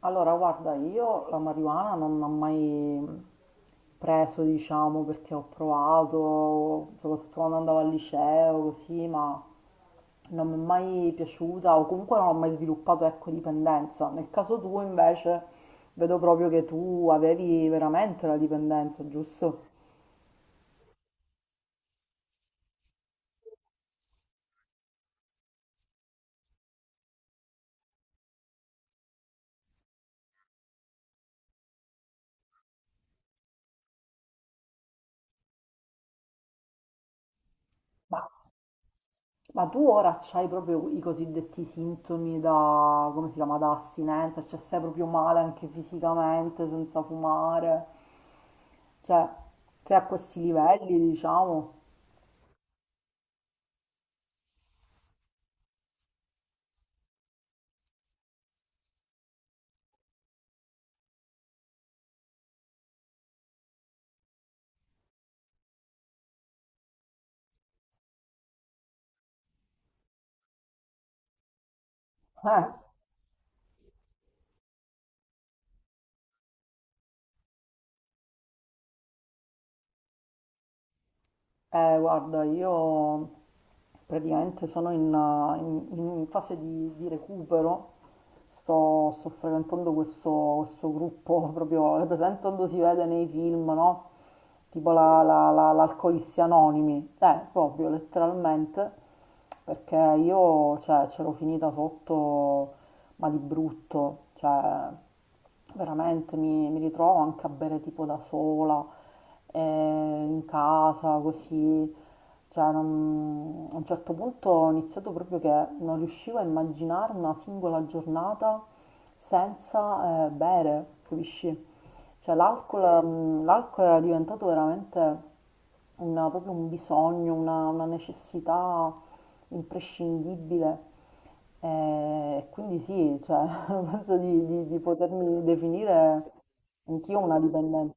Allora, guarda, io la marijuana non l'ho mai preso, diciamo, perché ho provato, soprattutto quando andavo al liceo, così, ma non mi è mai piaciuta o comunque non ho mai sviluppato, ecco, dipendenza. Nel caso tuo, invece, vedo proprio che tu avevi veramente la dipendenza, giusto? Ma, ma tu ora c'hai proprio i cosiddetti sintomi da, come si chiama, da astinenza, cioè stai proprio male anche fisicamente, senza fumare. Cioè, se a questi livelli, diciamo. eh, Guarda, io praticamente sono in fase di recupero, sto frequentando questo gruppo, proprio, è presente quando si vede nei film, no? Tipo l'Alcolisti Anonimi, proprio letteralmente. Perché io, cioè, c'ero finita sotto, ma di brutto, cioè, veramente mi ritrovo anche a bere tipo da sola, in casa, così. Cioè, a un certo punto ho iniziato proprio che non riuscivo a immaginare una singola giornata senza bere, capisci? Cioè, l'alcol era diventato veramente una proprio un bisogno, una necessità imprescindibile. Quindi sì, cioè penso di potermi definire anch'io una dipendenza.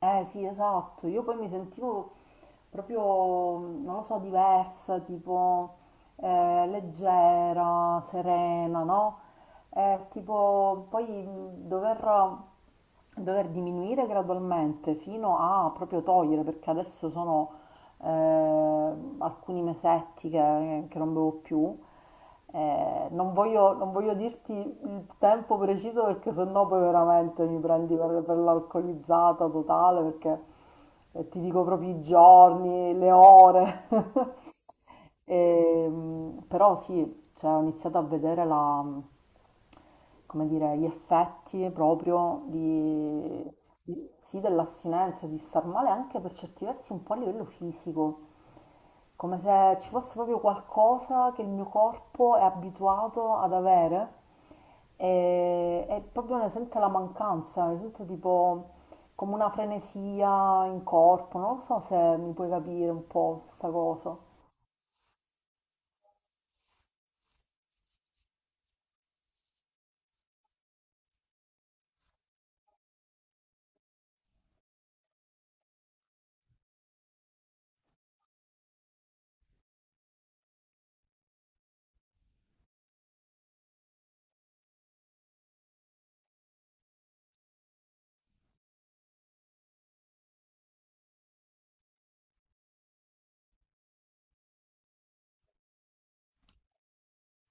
Eh sì, esatto, io poi mi sentivo proprio, non lo so, diversa, tipo leggera, serena, no? Tipo poi dover diminuire gradualmente fino a proprio togliere, perché adesso sono eh, alcuni mesetti che non bevo più. Non voglio dirti il tempo preciso perché sennò poi veramente mi prendi per l'alcolizzata totale perché ti dico proprio i giorni, le ore. Però sì, poi cioè ho iniziato a vedere come dire, gli effetti proprio sì, dell'astinenza, di star male anche per certi versi un po' a livello fisico, come se ci fosse proprio qualcosa che il mio corpo è abituato ad avere e proprio ne sente la mancanza, ne sento tipo come una frenesia in corpo, non lo so se mi puoi capire un po' questa cosa.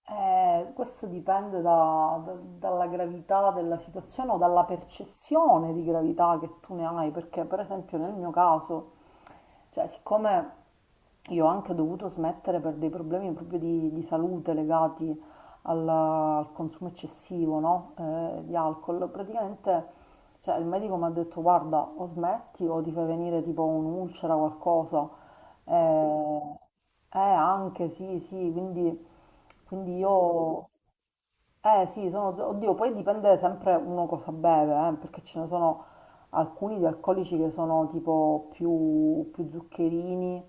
Questo dipende dalla gravità della situazione o dalla percezione di gravità che tu ne hai, perché per esempio nel mio caso, cioè siccome io ho anche dovuto smettere per dei problemi proprio di salute legati al consumo eccessivo, no? Di alcol, praticamente cioè, il medico mi ha detto guarda o smetti o ti fai venire tipo un'ulcera o qualcosa. Eh, anche sì, sì, quindi io, eh sì, sono, oddio, poi dipende sempre uno cosa beve, perché ce ne sono alcuni di alcolici che sono tipo più, più zuccherini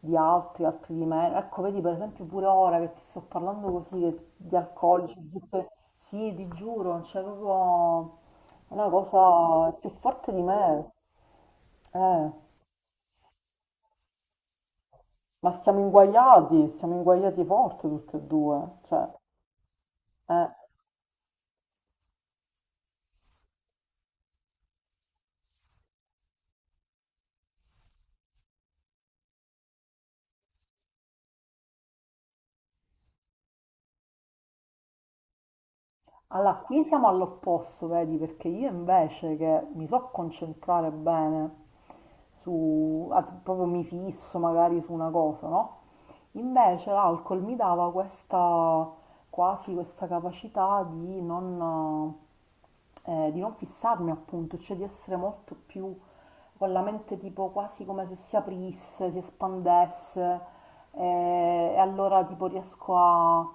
di altri, altri di meno. Ecco, vedi per esempio pure ora che ti sto parlando così di alcolici, zuccheri, sì, ti giuro, c'è proprio è una cosa più forte di me. Eh. Ma siamo inguaiati forte tutte e due, cioè, eh. Allora, qui siamo all'opposto, vedi, perché io invece che mi so concentrare bene su, anzi, proprio mi fisso magari su una cosa, no? Invece l'alcol mi dava questa, quasi questa capacità di non fissarmi appunto, cioè di essere molto più con la mente tipo quasi come se si aprisse, si espandesse e allora tipo riesco a,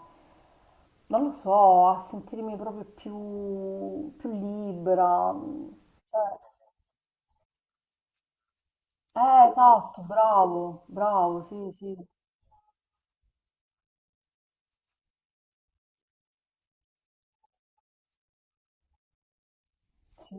non lo so, a sentirmi proprio più, più libera. Cioè, esatto, bravo, bravo, sì, sì, sì.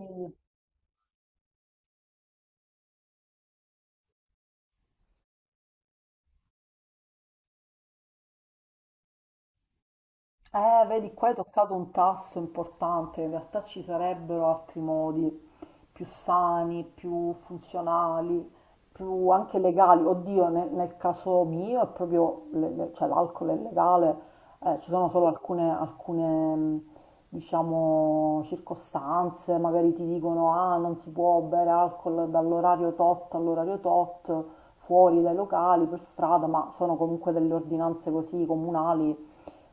Vedi, qua hai toccato un tasto importante, in realtà ci sarebbero altri modi più sani, più funzionali, più anche legali. Oddio, nel caso mio è proprio, cioè l'alcol è legale, ci sono solo alcune, diciamo, circostanze, magari ti dicono, ah, non si può bere alcol dall'orario tot all'orario tot, fuori dai locali, per strada, ma sono comunque delle ordinanze così comunali.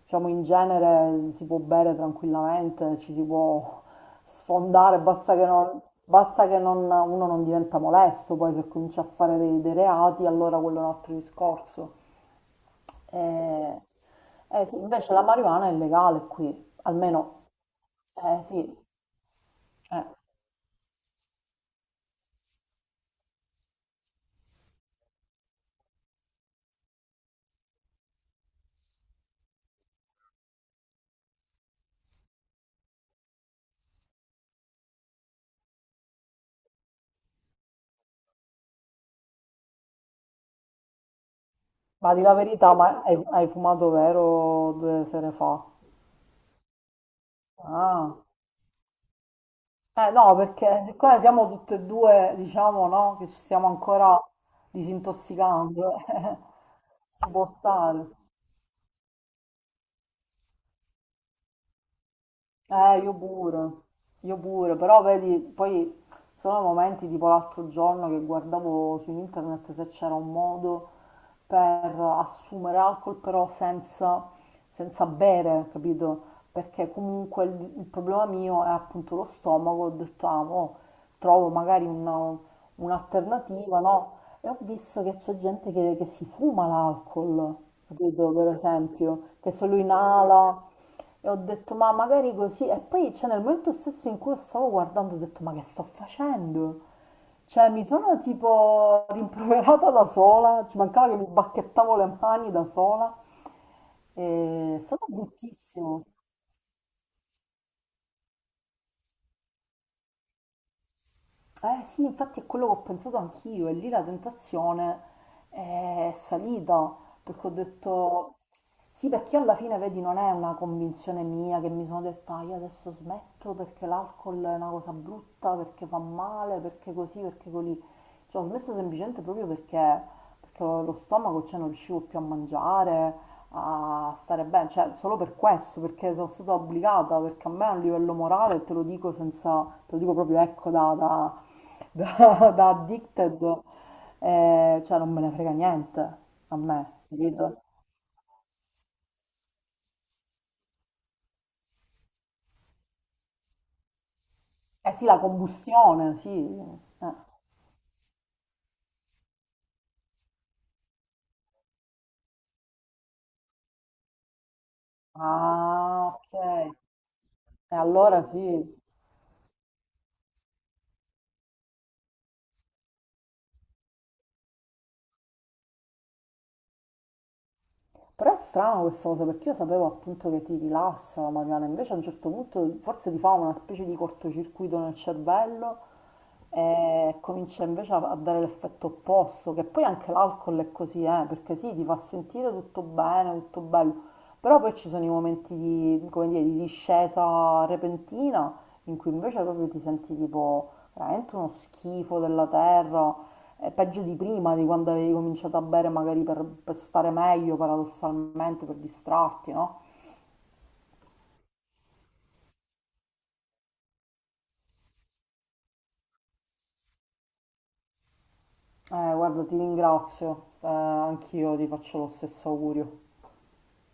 Diciamo in genere si può bere tranquillamente, ci si può sfondare, basta che non- uno non diventa molesto, poi se comincia a fare dei reati, allora quello è un altro discorso. Eh, eh sì, invece la marijuana è legale qui, almeno, eh sì, eh. Ma di la verità, ma hai fumato vero due sere fa? Ah. Eh no, perché siccome siamo tutte e due, diciamo, no, che ci stiamo ancora disintossicando, ci può stare. Io pure, io pure, però vedi, poi sono momenti tipo l'altro giorno che guardavo su internet se c'era un modo per assumere alcol però senza bere, capito? Perché comunque il problema mio è appunto lo stomaco, ho detto, ah, mo trovo magari un'alternativa, no? E ho visto che c'è gente che si fuma l'alcol, capito? Per esempio, che se lo inala. E ho detto, ma magari così. E poi, c'è cioè, nel momento stesso in cui lo stavo guardando, ho detto, ma che sto facendo? Cioè, mi sono tipo rimproverata da sola, ci mancava che mi bacchettavo le mani da sola. E è stato bruttissimo. Eh sì, infatti è quello che ho pensato anch'io e lì la tentazione è salita perché ho detto sì, perché alla fine, vedi, non è una convinzione mia che mi sono detta "Ah, io adesso smetto perché l'alcol è una cosa brutta, perché fa male, perché così, perché così." Cioè, ho smesso semplicemente proprio perché lo stomaco, cioè, non riuscivo più a mangiare, a stare bene, cioè solo per questo, perché sono stata obbligata, perché a me a un livello morale, te lo dico senza, te lo dico proprio ecco da addicted, cioè non me ne frega niente a me, capito? Eh sì, la combustione, sì. Eh. Ah, ok. E allora sì. Però è strano questa cosa perché io sapevo appunto che ti rilassa la Mariana, invece a un certo punto forse ti fa una specie di cortocircuito nel cervello e comincia invece a dare l'effetto opposto, che poi anche l'alcol è così, perché sì, ti fa sentire tutto bene, tutto bello, però poi ci sono i momenti di, come dire, di discesa repentina in cui invece proprio ti senti tipo veramente uno schifo della terra, è peggio di prima, di quando avevi cominciato a bere magari per stare meglio, paradossalmente, per distrarti, no? Guarda, ti ringrazio, anch'io ti faccio lo stesso augurio.